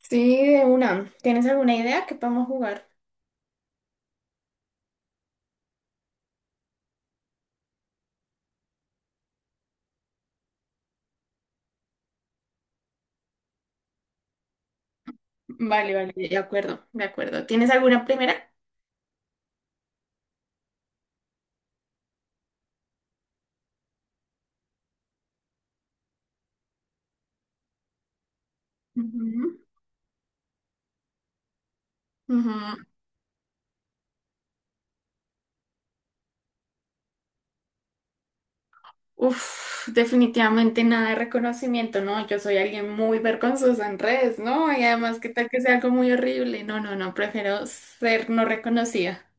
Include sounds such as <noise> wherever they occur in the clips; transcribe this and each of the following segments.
Sí, de una. ¿Tienes alguna idea que podemos jugar? Vale, vale, de acuerdo, de acuerdo. ¿Tienes alguna primera? Ujú, ujú. Uf, definitivamente nada de reconocimiento, ¿no? Yo soy alguien muy vergonzosa en redes, ¿no? Y además, ¿qué tal que sea algo muy horrible? No, no, no, prefiero ser no reconocida.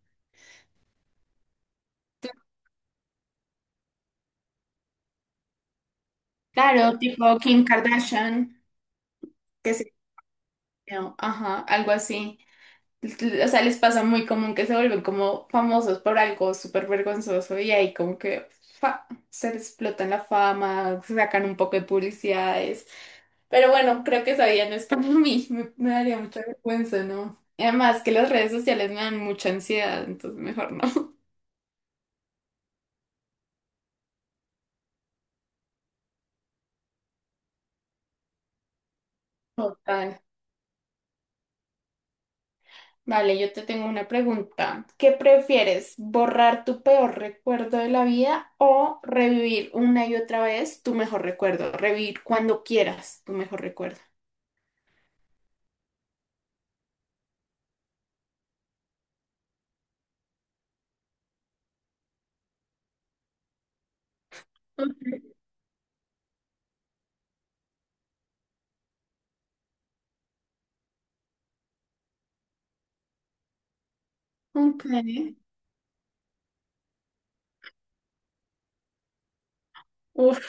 Claro, tipo Kim Kardashian, que se... Ajá, algo así. O sea, les pasa muy común que se vuelven como famosos por algo súper vergonzoso y ahí como que fa, se les explotan la fama, sacan un poco de publicidades. Pero bueno, creo que esa vida no es para <laughs> mí, me daría mucha vergüenza, ¿no? Y además que las redes sociales me dan mucha ansiedad, entonces mejor no. Total. Vale, yo te tengo una pregunta. ¿Qué prefieres, borrar tu peor recuerdo de la vida o revivir una y otra vez tu mejor recuerdo? Revivir cuando quieras tu mejor recuerdo. Ok. Ok.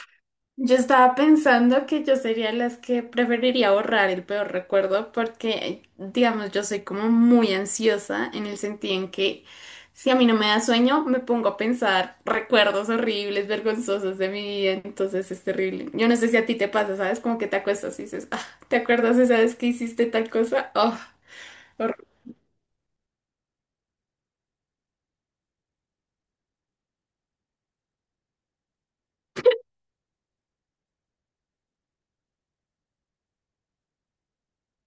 Yo estaba pensando que yo sería las que preferiría borrar el peor recuerdo porque, digamos, yo soy como muy ansiosa en el sentido en que si a mí no me da sueño, me pongo a pensar recuerdos horribles, vergonzosos de mi vida, entonces es terrible. Yo no sé si a ti te pasa, ¿sabes? Como que te acuestas y dices, ah, ¿te acuerdas esa vez que hiciste tal cosa? Oh, hor-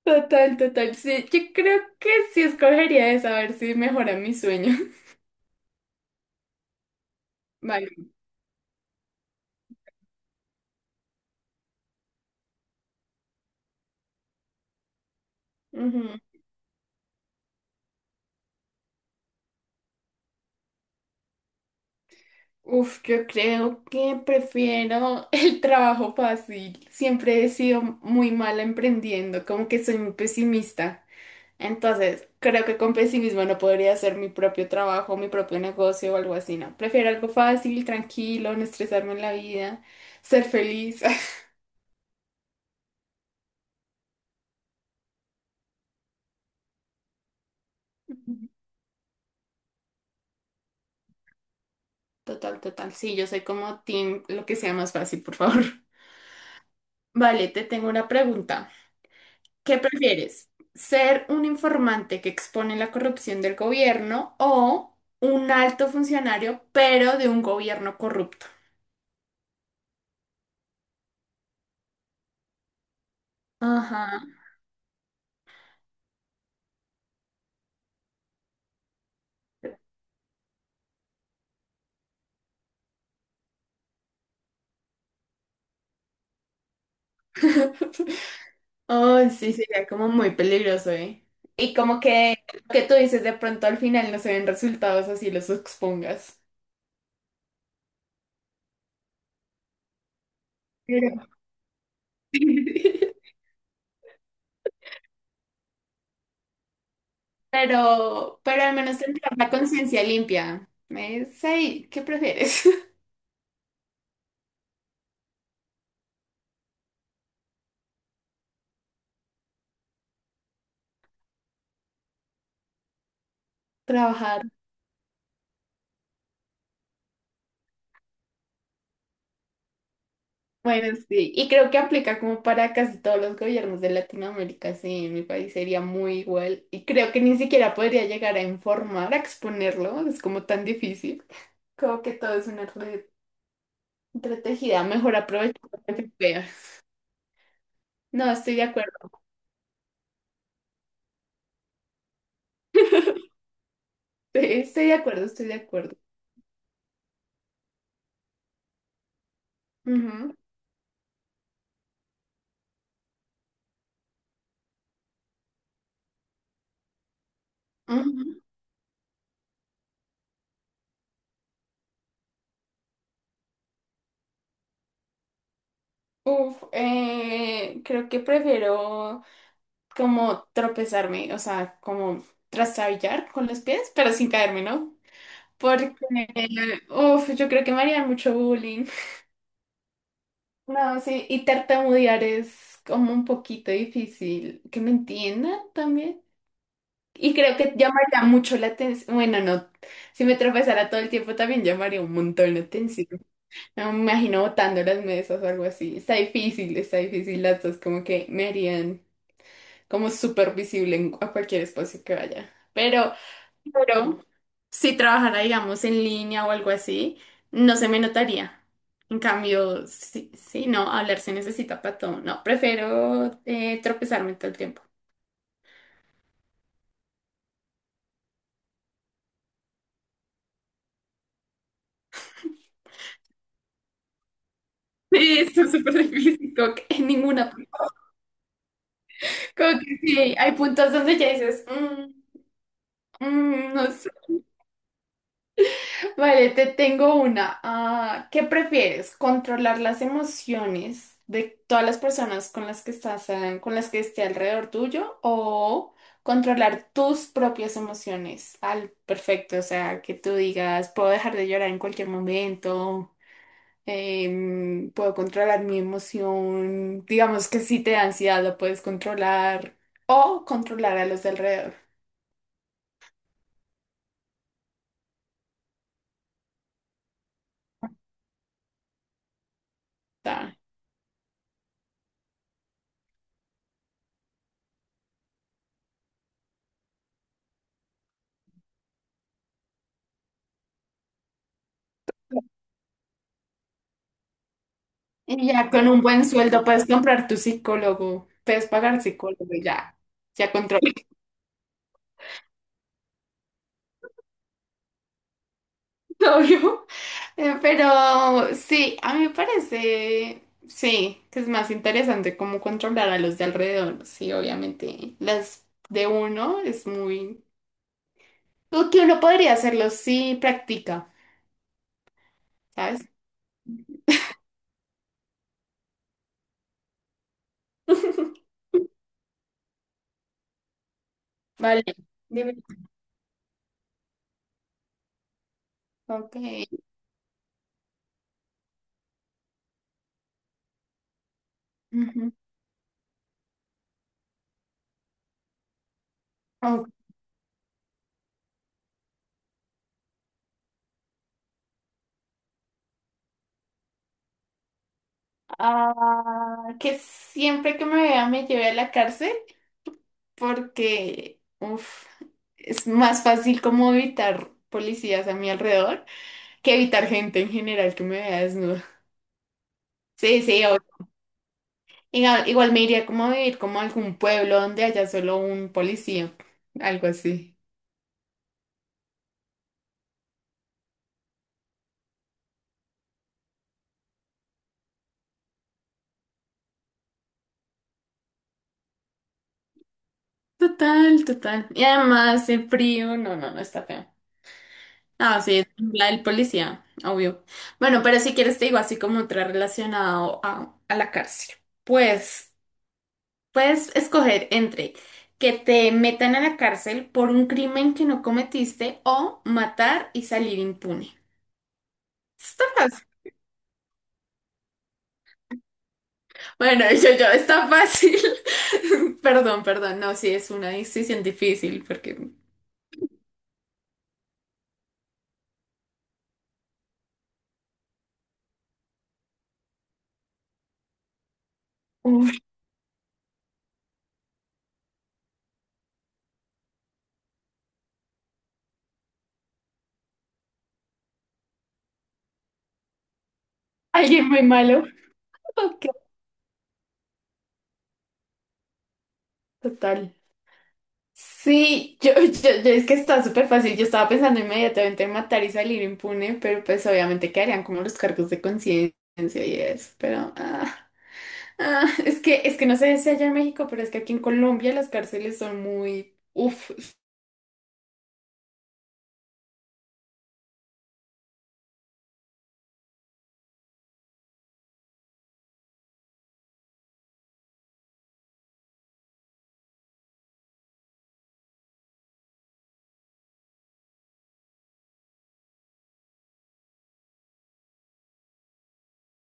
total, total. Sí, yo creo que sí escogería esa, a ver si mejora mi sueño. <laughs> Vale. Uf, yo creo que prefiero <laughs> el trabajo fácil. Siempre he sido muy mala emprendiendo, como que soy muy pesimista. Entonces, creo que con pesimismo no podría hacer mi propio trabajo, mi propio negocio o algo así, ¿no? Prefiero algo fácil, tranquilo, no estresarme en la vida, ser feliz. <laughs> Total, total. Sí, yo soy como team, lo que sea más fácil, por favor. <laughs> Vale, te tengo una pregunta. ¿Qué prefieres? ¿Ser un informante que expone la corrupción del gobierno o un alto funcionario, pero de un gobierno corrupto? Ajá. <laughs> Oh, sí, sería como muy peligroso, ¿eh? Y como que lo que tú dices, de pronto al final no se ven resultados así los expongas. Pero, <laughs> pero al menos tendrás la conciencia limpia. ¿Me dice, "Ay, ¿qué prefieres? <laughs> ¿Trabajar Bueno, sí, y creo que aplica como para casi todos los gobiernos de Latinoamérica, sí, en mi país sería muy igual, y creo que ni siquiera podría llegar a informar, a exponerlo, es como tan difícil, creo que todo es una red entretejida, mejor aprovechar lo que se pueda. No, estoy de acuerdo, <laughs> estoy de acuerdo, estoy de acuerdo. Ujú, ujú. Uf, creo que prefiero como tropezarme, o sea, como trastabillar con los pies, pero sin caerme, ¿no? Porque uf, yo creo que me harían mucho bullying. No, sí, y tartamudear es como un poquito difícil que me entiendan también. Y creo que llamaría mucho la atención. Bueno, no, si me tropezara todo el tiempo también llamaría un montón la atención. No, me imagino botando las mesas o algo así. Está difícil, está difícil. Las dos como que me harían como súper visible a cualquier espacio que vaya. Pero si trabajara, digamos, en línea o algo así, no se me notaría. En cambio, sí, sí, no, hablar se necesita para todo. No, prefiero tropezarme todo el tiempo. <laughs> Sí, esto es súper difícil, como que en ninguna. Como que sí, hay puntos donde ya dices, "Mm, mm, no sé. Vale, te tengo una. Ah, ¿qué prefieres? ¿Controlar las emociones de todas las personas con las que estás, con las que esté alrededor tuyo o controlar tus propias emociones al perfecto? O sea, que tú digas, puedo dejar de llorar en cualquier momento, puedo controlar mi emoción, digamos que si te da ansiedad lo puedes controlar o controlar a los de alrededor. Y ya con un buen sueldo puedes comprar tu psicólogo, puedes pagar psicólogo, y ya, ya controlas, <laughs> obvio. Pero sí, a mí me parece, sí, que es más interesante cómo controlar a los de alrededor. Sí, obviamente, las de uno es muy... Lo que uno podría hacerlo si practica, ¿sabes? <laughs> Vale, dime. Ok. Ujú. Ok. Ah, que siempre que me vea me lleve a la cárcel. Porque uf, es más fácil como evitar policías a mi alrededor que evitar gente en general que me vea desnuda. Sí, sí, o- igual, igual me iría como a vivir como a algún pueblo donde haya solo un policía, algo así. Total, total. Y además el frío, no, no, no está feo. Ah, sí, es la del policía, obvio. Bueno, pero si quieres te digo así como otra relacionado a la cárcel. Pues. Puedes escoger entre que te metan a la cárcel por un crimen que no cometiste o matar y salir impune. Está fácil. Bueno, <laughs> está fácil. <laughs> Perdón, perdón. No, sí, es una decisión difícil porque... Uf, alguien muy malo. Ok, total. Sí, es que está súper fácil. Yo estaba pensando inmediatamente en matar y salir impune, pero pues obviamente quedarían como los cargos de conciencia y eso, pero... ah. Ah, es que no sé si allá en México, pero es que aquí en Colombia las cárceles son muy, uff,